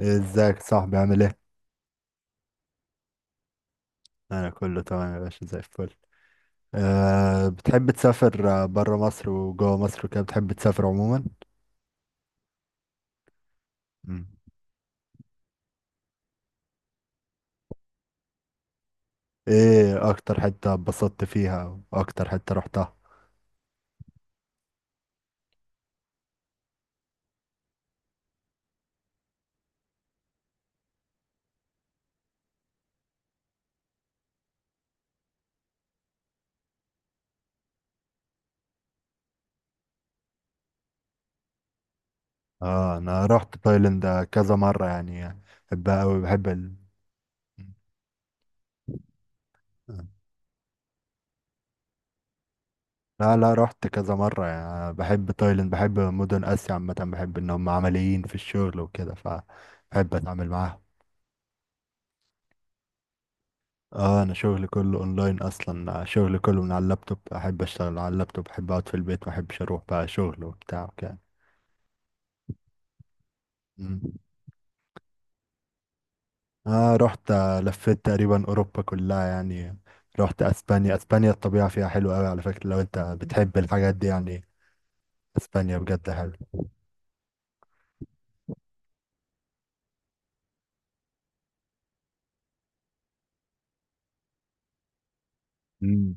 ازيك صاحبي؟ عامل ايه؟ انا كله تمام يا باشا، زي الفل. أه، بتحب تسافر بره مصر وجوه مصر وكده؟ بتحب تسافر عموما؟ مم. ايه اكتر حتة اتبسطت فيها واكتر حتة رحتها؟ اه انا رحت تايلاند كذا مرة يعني، بحبها اوي، بحب ال... لا لا، رحت كذا مرة يعني، بحب تايلاند، بحب مدن آسيا عامة، بحب إن هم عمليين في الشغل وكده، فبحب أتعامل معاهم. اه، أنا شغلي كله أونلاين أصلا، شغلي كله من على اللابتوب، أحب أشتغل على اللابتوب، أحب أقعد في البيت، محبش أروح بقى شغل وبتاع وكده. مم. اه رحت، آه، لفيت تقريبا أوروبا كلها يعني، رحت أسبانيا. أسبانيا الطبيعة فيها حلوة أوي على فكرة، لو أنت بتحب الحاجات دي يعني، أسبانيا بجد حلوة.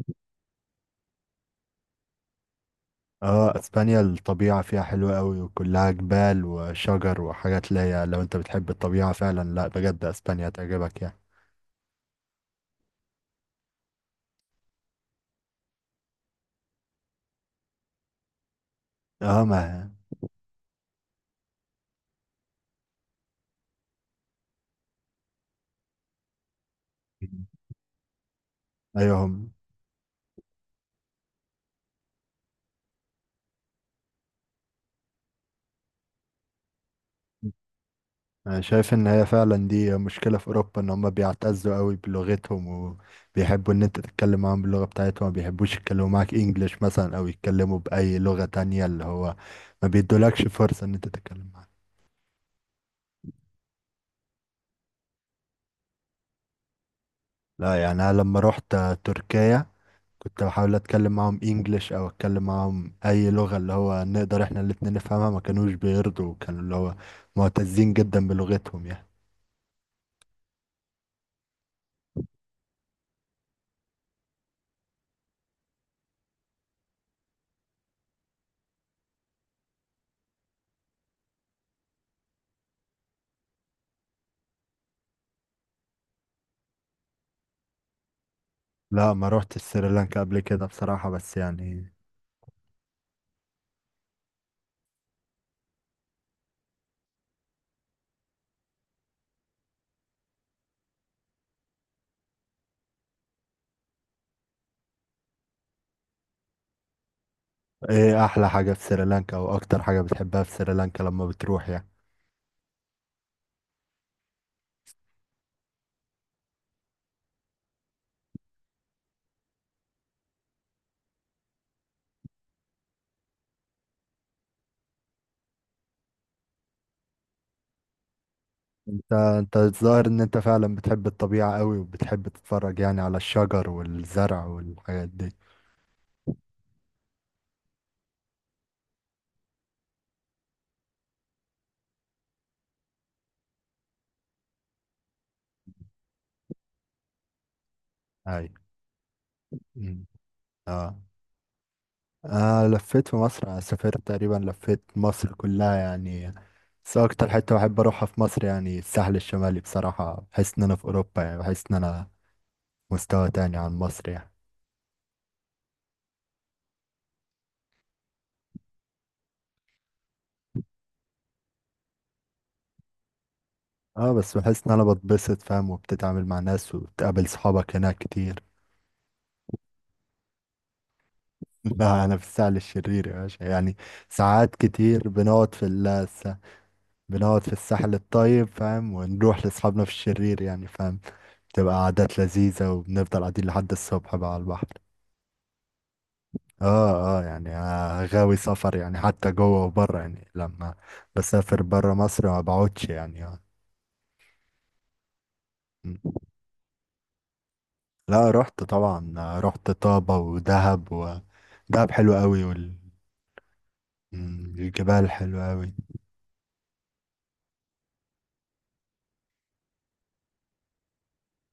اه، اسبانيا الطبيعة فيها حلوة قوي، وكلها جبال وشجر وحاجات اللي هي لو انت بتحب الطبيعة فعلا، لا بجد اسبانيا تعجبك يعني. اه ما ايوه هم. انا شايف ان هي فعلا دي مشكلة في اوروبا، ان هم بيعتزوا قوي بلغتهم، وبيحبوا ان انت تتكلم معاهم باللغة بتاعتهم، ما بيحبوش يتكلموا معاك انجليش مثلا او يتكلموا باي لغة تانية، اللي هو ما بيدولكش فرصة ان انت تتكلم معاهم. لا يعني انا لما رحت تركيا، كنت بحاول اتكلم معاهم انجليش او اتكلم معاهم اي لغة اللي هو نقدر احنا الاتنين نفهمها، ما كانوش بيرضوا، كانوا اللي هو معتزين جدا بلغتهم يعني. لا، ما روحت سريلانكا قبل كده بصراحة، بس يعني، ايه احلى حاجة في سريلانكا او اكتر حاجة بتحبها في سريلانكا لما بتروح يعني؟ انت انت الظاهر ان انت فعلا بتحب الطبيعة قوي، وبتحب تتفرج يعني على الشجر والزرع والحاجات دي. اي. مم. اه، آه لفيت في مصر، أنا سافرت تقريبا لفيت مصر كلها يعني، بس أكتر حتة بحب أروحها في مصر يعني الساحل الشمالي، بصراحة بحس إن أنا في أوروبا، يعني بحس إن أنا مستوى تاني عن مصر يعني. اه، بس بحس إن أنا بتبسط فاهم، وبتتعامل مع ناس، وبتقابل صحابك هناك كتير. لا، أنا في الساحل الشرير يا باشا يعني، ساعات كتير بنقعد في بنقعد في الساحل الطيب فاهم، ونروح لأصحابنا في الشرير يعني فاهم، تبقى عادات لذيذة، وبنفضل قاعدين لحد الصبح بقى على البحر. اه اه يعني، آه، غاوي سفر يعني، حتى جوه وبره يعني، لما بسافر بره مصر ما بقعدش يعني، آه. م. لا، رحت طبعا، آه، رحت طابة ودهب دهب حلو قوي، والجبال حلوة قوي.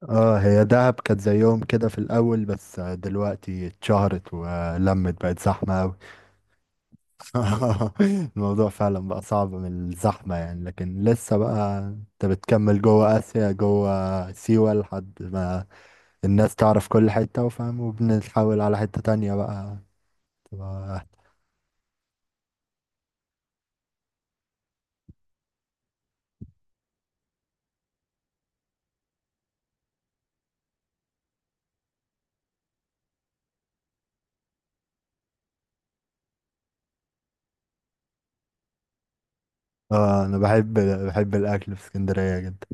اه، هي دهب كانت زي يوم كده في الاول، بس آه، دلوقتي اتشهرت ولمت، بقت زحمة قوي. الموضوع فعلا بقى صعب من الزحمة يعني، لكن لسه بقى انت بتكمل جوه اسيا، جوه سيوة، لحد ما الناس تعرف كل حتة وفاهم، وبنتحول على حتة تانية بقى، تبقى أحلى. اه انا بحب، بحب الاكل في اسكندرية جدا.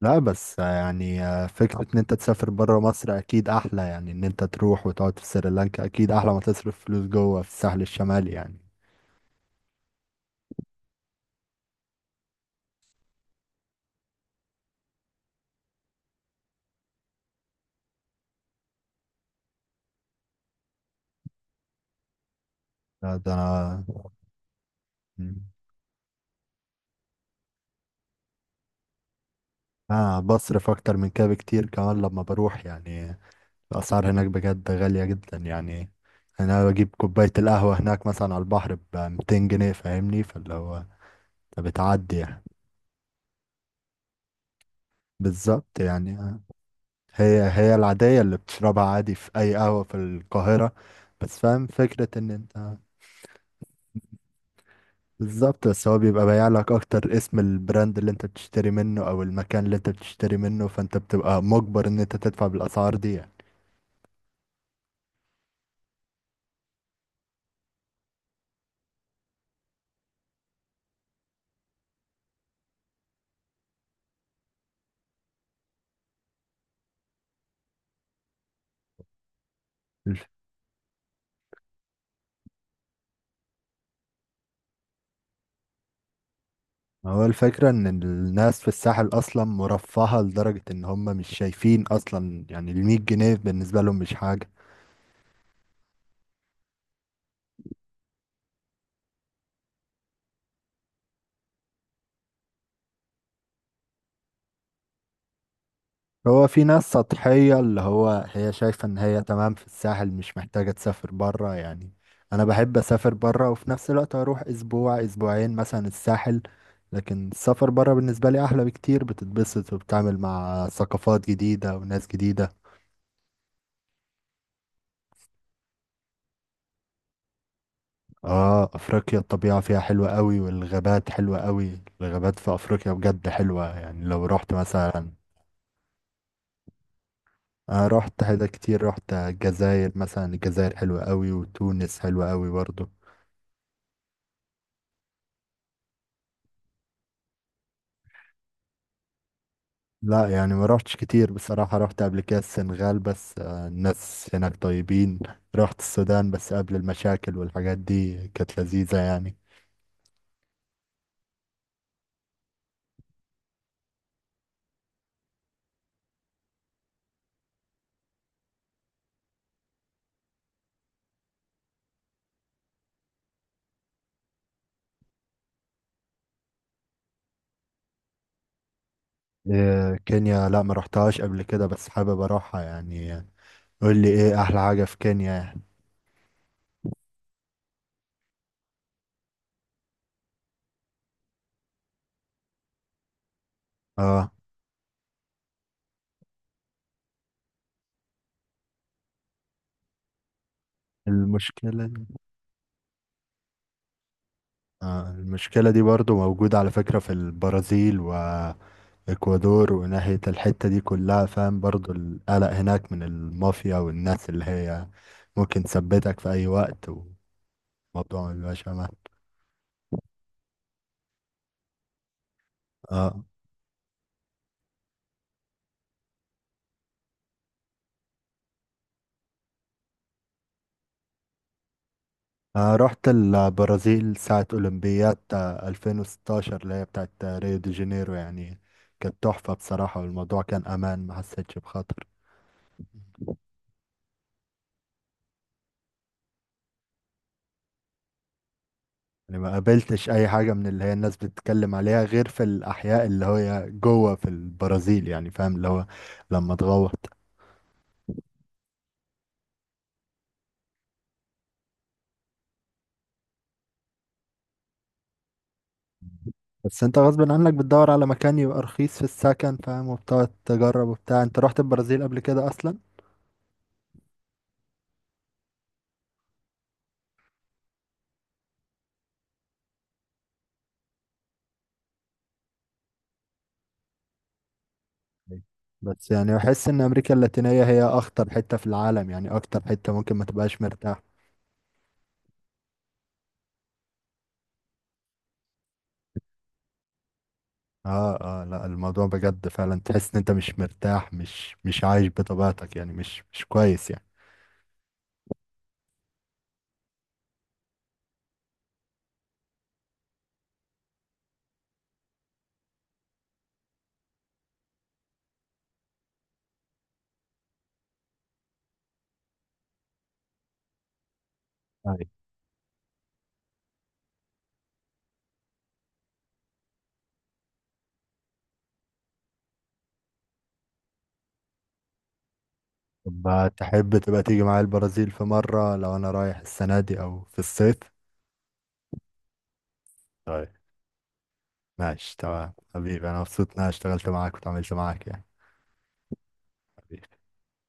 لا، بس يعني آه، فكرة ان انت تسافر برا مصر اكيد احلى يعني، ان انت تروح وتقعد في سريلانكا اكيد احلى ما تصرف فلوس جوه في الساحل الشمالي يعني. لا ده انا. مم. انا بصرف اكتر من كده بكتير كمان لما بروح يعني، الاسعار هناك بجد غالية جدا يعني. انا بجيب كوباية القهوة هناك مثلا على البحر ب 200 جنيه فاهمني، فاللي هو فبتعدي يعني. بالظبط يعني، آه. هي هي العادية اللي بتشربها عادي في أي قهوة في القاهرة. بس فاهم فكرة إن أنت، بالظبط، بس هو بيبقى بايع لك أكتر اسم البراند اللي أنت بتشتري منه أو المكان اللي أنت بتشتري منه، فأنت بتبقى مجبر إن أنت تدفع بالأسعار دي يعني. الف- هو الفكرة إن الناس في الساحل أصلا مرفهة لدرجة إن هم مش شايفين أصلا، يعني المية جنيه بالنسبة لهم مش حاجة. هو في ناس سطحية، اللي هو هي شايفة ان هي تمام في الساحل، مش محتاجة تسافر برا يعني. انا بحب اسافر برا، وفي نفس الوقت اروح اسبوع اسبوعين مثلا الساحل، لكن السفر برا بالنسبة لي احلى بكتير، بتتبسط، وبتعمل مع ثقافات جديدة وناس جديدة. اه، افريقيا الطبيعة فيها حلوة قوي، والغابات حلوة قوي، الغابات في افريقيا بجد حلوة يعني لو رحت مثلا. انا رحت حاجة كتير، رحت الجزائر مثلا، الجزائر حلوة قوي، وتونس حلوة قوي برضه. لا يعني، ما روحتش كتير بصراحة، روحت قبل كده السنغال بس، آه، الناس هناك طيبين. روحت السودان بس قبل المشاكل والحاجات دي، كانت لذيذة يعني. آه، كينيا، لا ما روحتهاش قبل كده، بس حابب اروحها يعني. قول لي ايه احلى حاجة في كينيا يعني؟ اه المشكلة دي. آه المشكلة دي برضو موجودة على فكرة في البرازيل واكوادور، وناحية الحتة دي كلها فاهم، برضو القلق هناك من المافيا والناس اللي هي ممكن تثبتك في اي وقت. الموضوع ما بيبقاش أمان. آه. آه رحت البرازيل ساعة أولمبياد، آه، 2016 اللي هي بتاعت آه، ريو دي جانيرو يعني. كانت تحفة بصراحة، والموضوع كان أمان، ما حسيتش بخطر. يعني ما قابلتش أي حاجة من اللي هي الناس بتتكلم عليها، غير في الأحياء اللي هي جوه في البرازيل يعني فاهم، اللي هو لما تغوط. بس انت غصب عنك بتدور على مكان يبقى رخيص في السكن فاهم، وبتقعد تجرب وبتاع. انت رحت البرازيل قبل كده أصلا؟ بس يعني بحس ان امريكا اللاتينية هي اخطر حتة في العالم يعني، اكتر حتة ممكن ما تبقاش مرتاح. اه اه، لا الموضوع بجد فعلا تحس ان انت مش مرتاح، مش عايش بطبيعتك يعني، مش كويس يعني. أيوة. طب تحب تبقى تيجي معايا البرازيل في مرة لو انا رايح السنة دي او في الصيف؟ طيب، ماشي تمام حبيبي، انا مبسوط ان انا اشتغلت معاك وتعاملت معاك يعني. حبيبي.